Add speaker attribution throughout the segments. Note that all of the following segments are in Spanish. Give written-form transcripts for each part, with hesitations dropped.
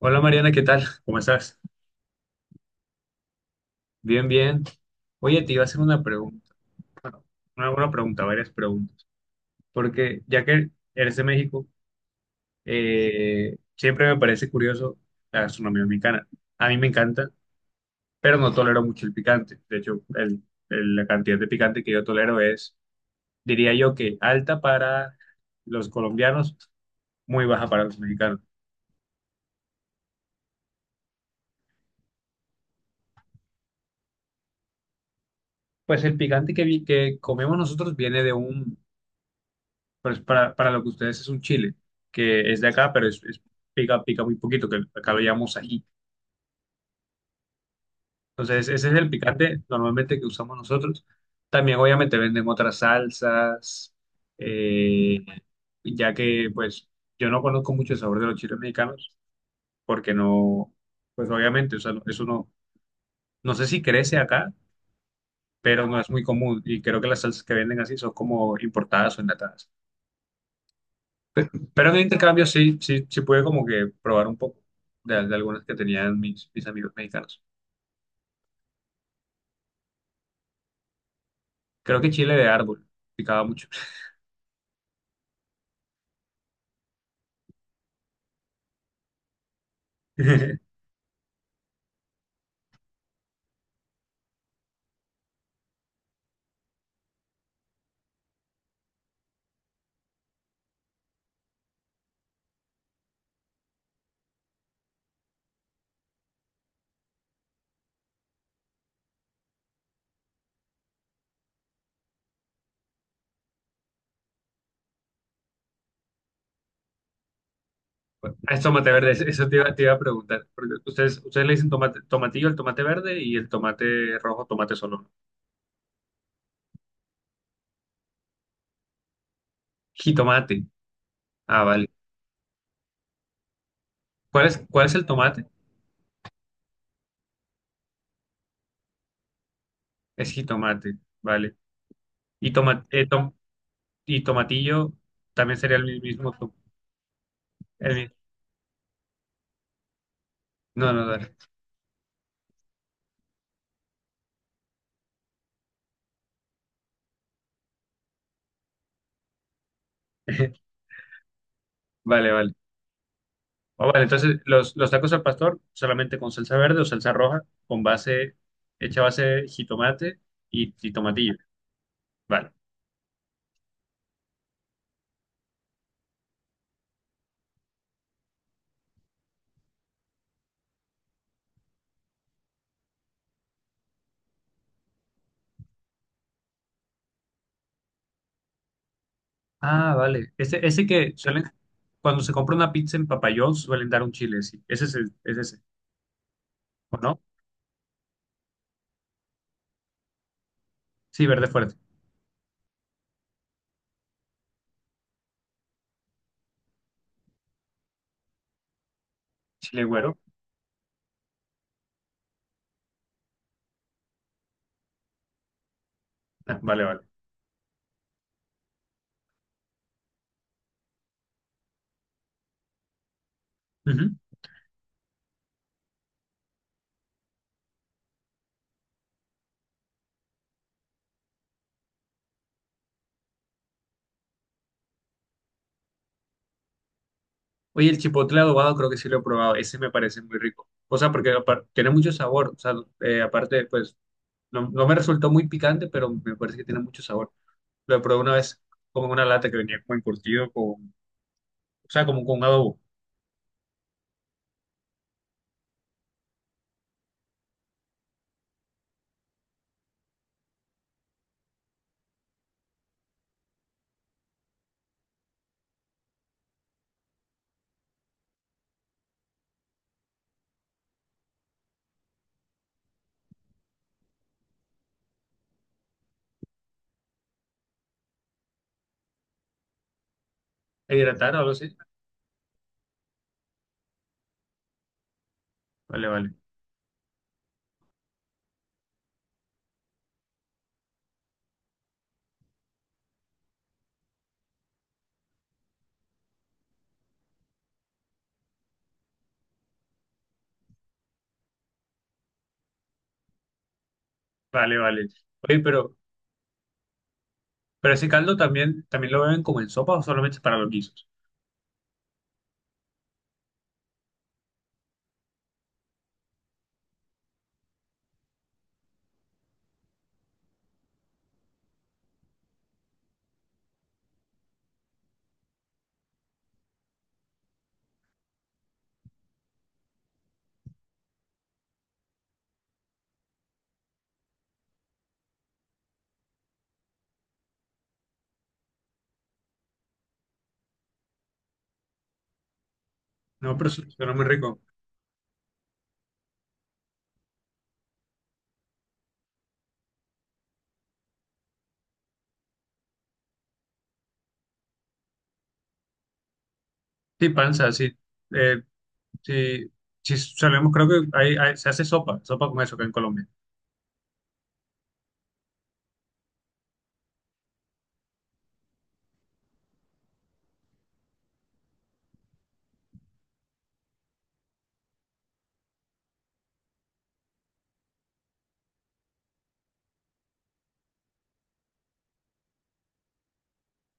Speaker 1: Hola Mariana, ¿qué tal? ¿Cómo estás? Bien, bien. Oye, te iba a hacer una pregunta. Bueno, una pregunta, varias preguntas. Porque ya que eres de México, siempre me parece curioso la gastronomía mexicana. A mí me encanta, pero no tolero mucho el picante. De hecho, la cantidad de picante que yo tolero es, diría yo que alta para los colombianos, muy baja para los mexicanos. Pues el picante que comemos nosotros viene pues para lo que ustedes es un chile, que es de acá, pero es, pica, pica muy poquito, que acá lo llamamos ají. Entonces, ese es el picante normalmente que usamos nosotros. También, obviamente, venden otras salsas, eh, ya que, pues, yo no conozco mucho el sabor de los chiles mexicanos, porque no, pues, obviamente, o sea, eso no, no sé si crece acá, pero no es muy común, y creo que las salsas que venden así son como importadas o enlatadas. Pero en el intercambio sí, pude como que probar un poco de, algunas que tenían mis amigos mexicanos. Creo que chile de árbol picaba mucho. Bueno, ah, es tomate verde, eso te iba a preguntar. Porque ustedes le dicen tomate, tomatillo al tomate verde y el tomate rojo, tomate solo, ¿no? Jitomate. Ah, vale. Cuál es el tomate? Es jitomate, vale. Y, toma, y tomatillo también sería el mismo. El mi- no, no, dale. Vale, vale. Ah, vale, entonces los tacos al pastor solamente con salsa verde o salsa roja, con base, hecha base de jitomate y tomatillo. Vale. Ah, vale. Ese que suelen, cuando se compra una pizza en Papayón, suelen dar un chile, sí. Ese es, es ese, ¿o no? Sí, verde fuerte. Chile güero. Ah, vale, vale. Ujú. Oye, el chipotle adobado creo que sí lo he probado. Ese me parece muy rico. O sea, porque tiene mucho sabor. O sea, aparte, pues, no, no me resultó muy picante, pero me parece que tiene mucho sabor. Lo probé una vez como en una lata que venía como encurtido con, o sea, como con un adobo e hidratado o algo así. Vale, vale, vale, vale. Oye, pero ese caldo también, también lo beben como en sopa o solamente para los guisos. No, pero suena muy rico. Sí, panza, sí. Eh, sí, sí, solemos, creo que se hace sopa, sopa con eso acá en Colombia.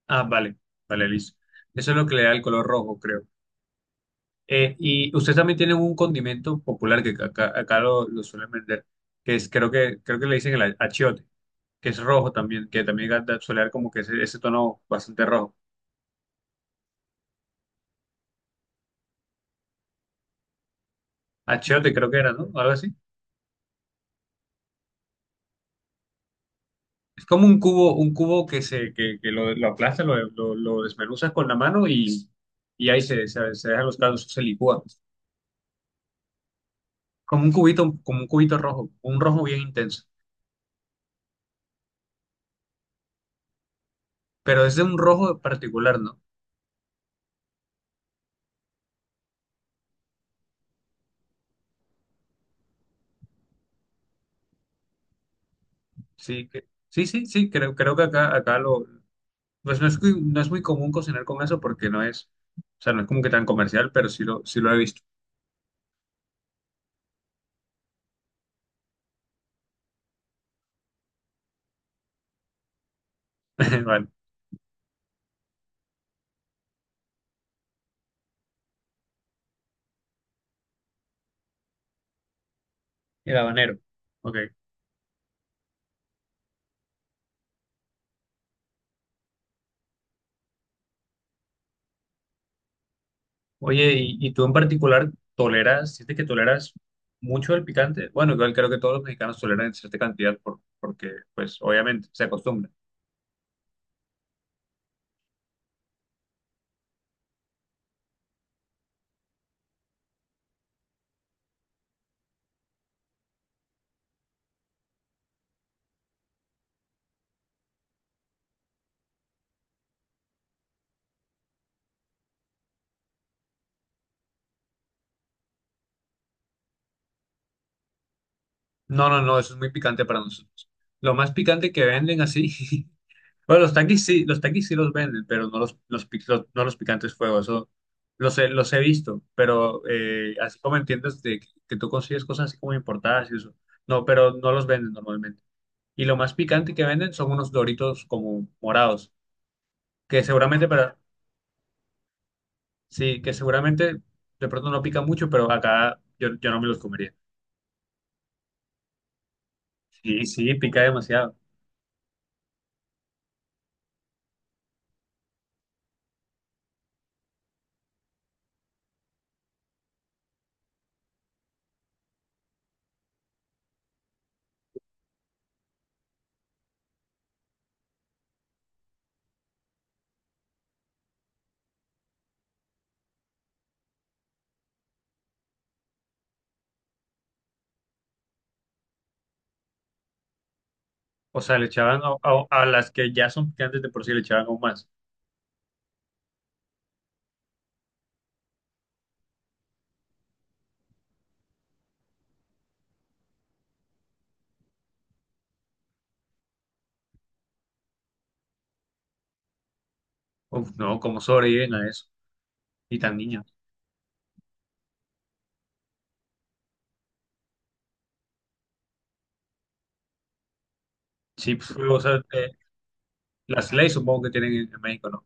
Speaker 1: Ah, vale, vale, listo. Eso es lo que le da el color rojo, creo. Y ustedes también tienen un condimento popular que acá, acá lo suelen vender, que es, creo que le dicen el achiote, que es rojo también, que también suele dar como que ese tono bastante rojo. Achiote creo que era, ¿no? Algo así. Es como un cubo que lo aplastas, lo desmenuzas con la mano y ahí se dejan los caldos, se licúa. Como un cubito rojo, un rojo bien intenso. Pero es de un rojo particular, ¿no? Sí, que, sí, creo, creo que acá, acá lo, pues no es, no es muy común cocinar con eso porque no es, o sea, no es como que tan comercial, pero sí lo he visto. Vale. El habanero. Ok. Oye, y tú en particular toleras, sientes que toleras mucho el picante? Bueno, igual creo que todos los mexicanos toleran en cierta cantidad porque, pues, obviamente se acostumbra. No, no, no, eso es muy picante para nosotros. Lo más picante que venden así, bueno, los taquis sí, los taquis sí los venden, pero no no los picantes fuego, eso los he visto, pero así como entiendes de que tú consigues cosas así como importadas y eso, no, pero no los venden normalmente. Y lo más picante que venden son unos doritos como morados. Que seguramente para, sí, que seguramente de pronto no pica mucho, pero acá yo, yo no me los comería. Sí, sí, pica demasiado. O sea, le echaban a las que ya son picantes de por sí, le echaban aún más. Uf, no, ¿cómo sobreviven a eso? Y tan niños. Sí, pues, o sea, las leyes supongo que tienen en México, ¿no?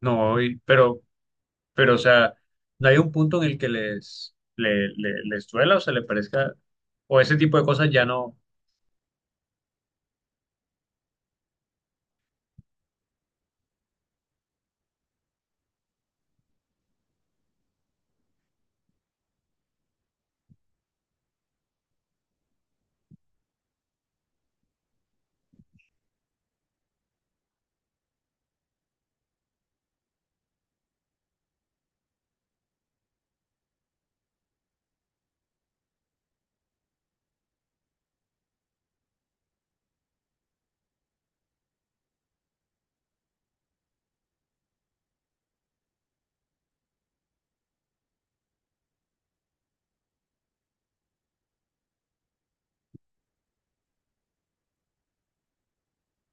Speaker 1: No, pero, o sea, no hay un punto en el que les, les duela o se le parezca, o ese tipo de cosas ya no.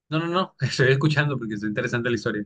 Speaker 1: No, no, no, estoy escuchando porque es interesante la historia.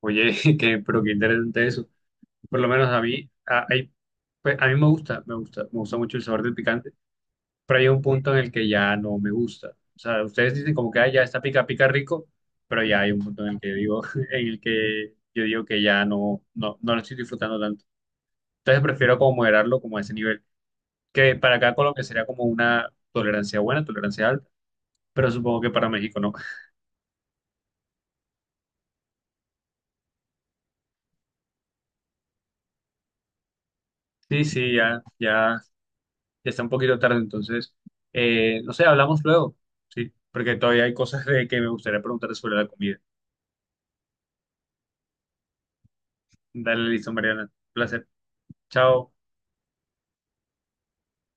Speaker 1: Oye, que, pero qué interesante eso. Por lo menos a mí, pues, a mí me gusta, me gusta, me gusta mucho el sabor del picante, pero hay un punto en el que ya no me gusta. O sea, ustedes dicen como que "Ah, ya está pica, pica rico", pero ya hay un punto en el que digo, en el que yo digo que ya no, no, no lo estoy disfrutando tanto. Entonces prefiero como moderarlo como a ese nivel, que para acá Colombia sería como una tolerancia buena, tolerancia alta, pero supongo que para México no. Sí, sí, ya, ya. Ya está un poquito tarde, entonces, no sé, hablamos luego, ¿sí? Porque todavía hay cosas de que me gustaría preguntarte sobre la comida. Dale, listo, Mariana. Un placer. Chao.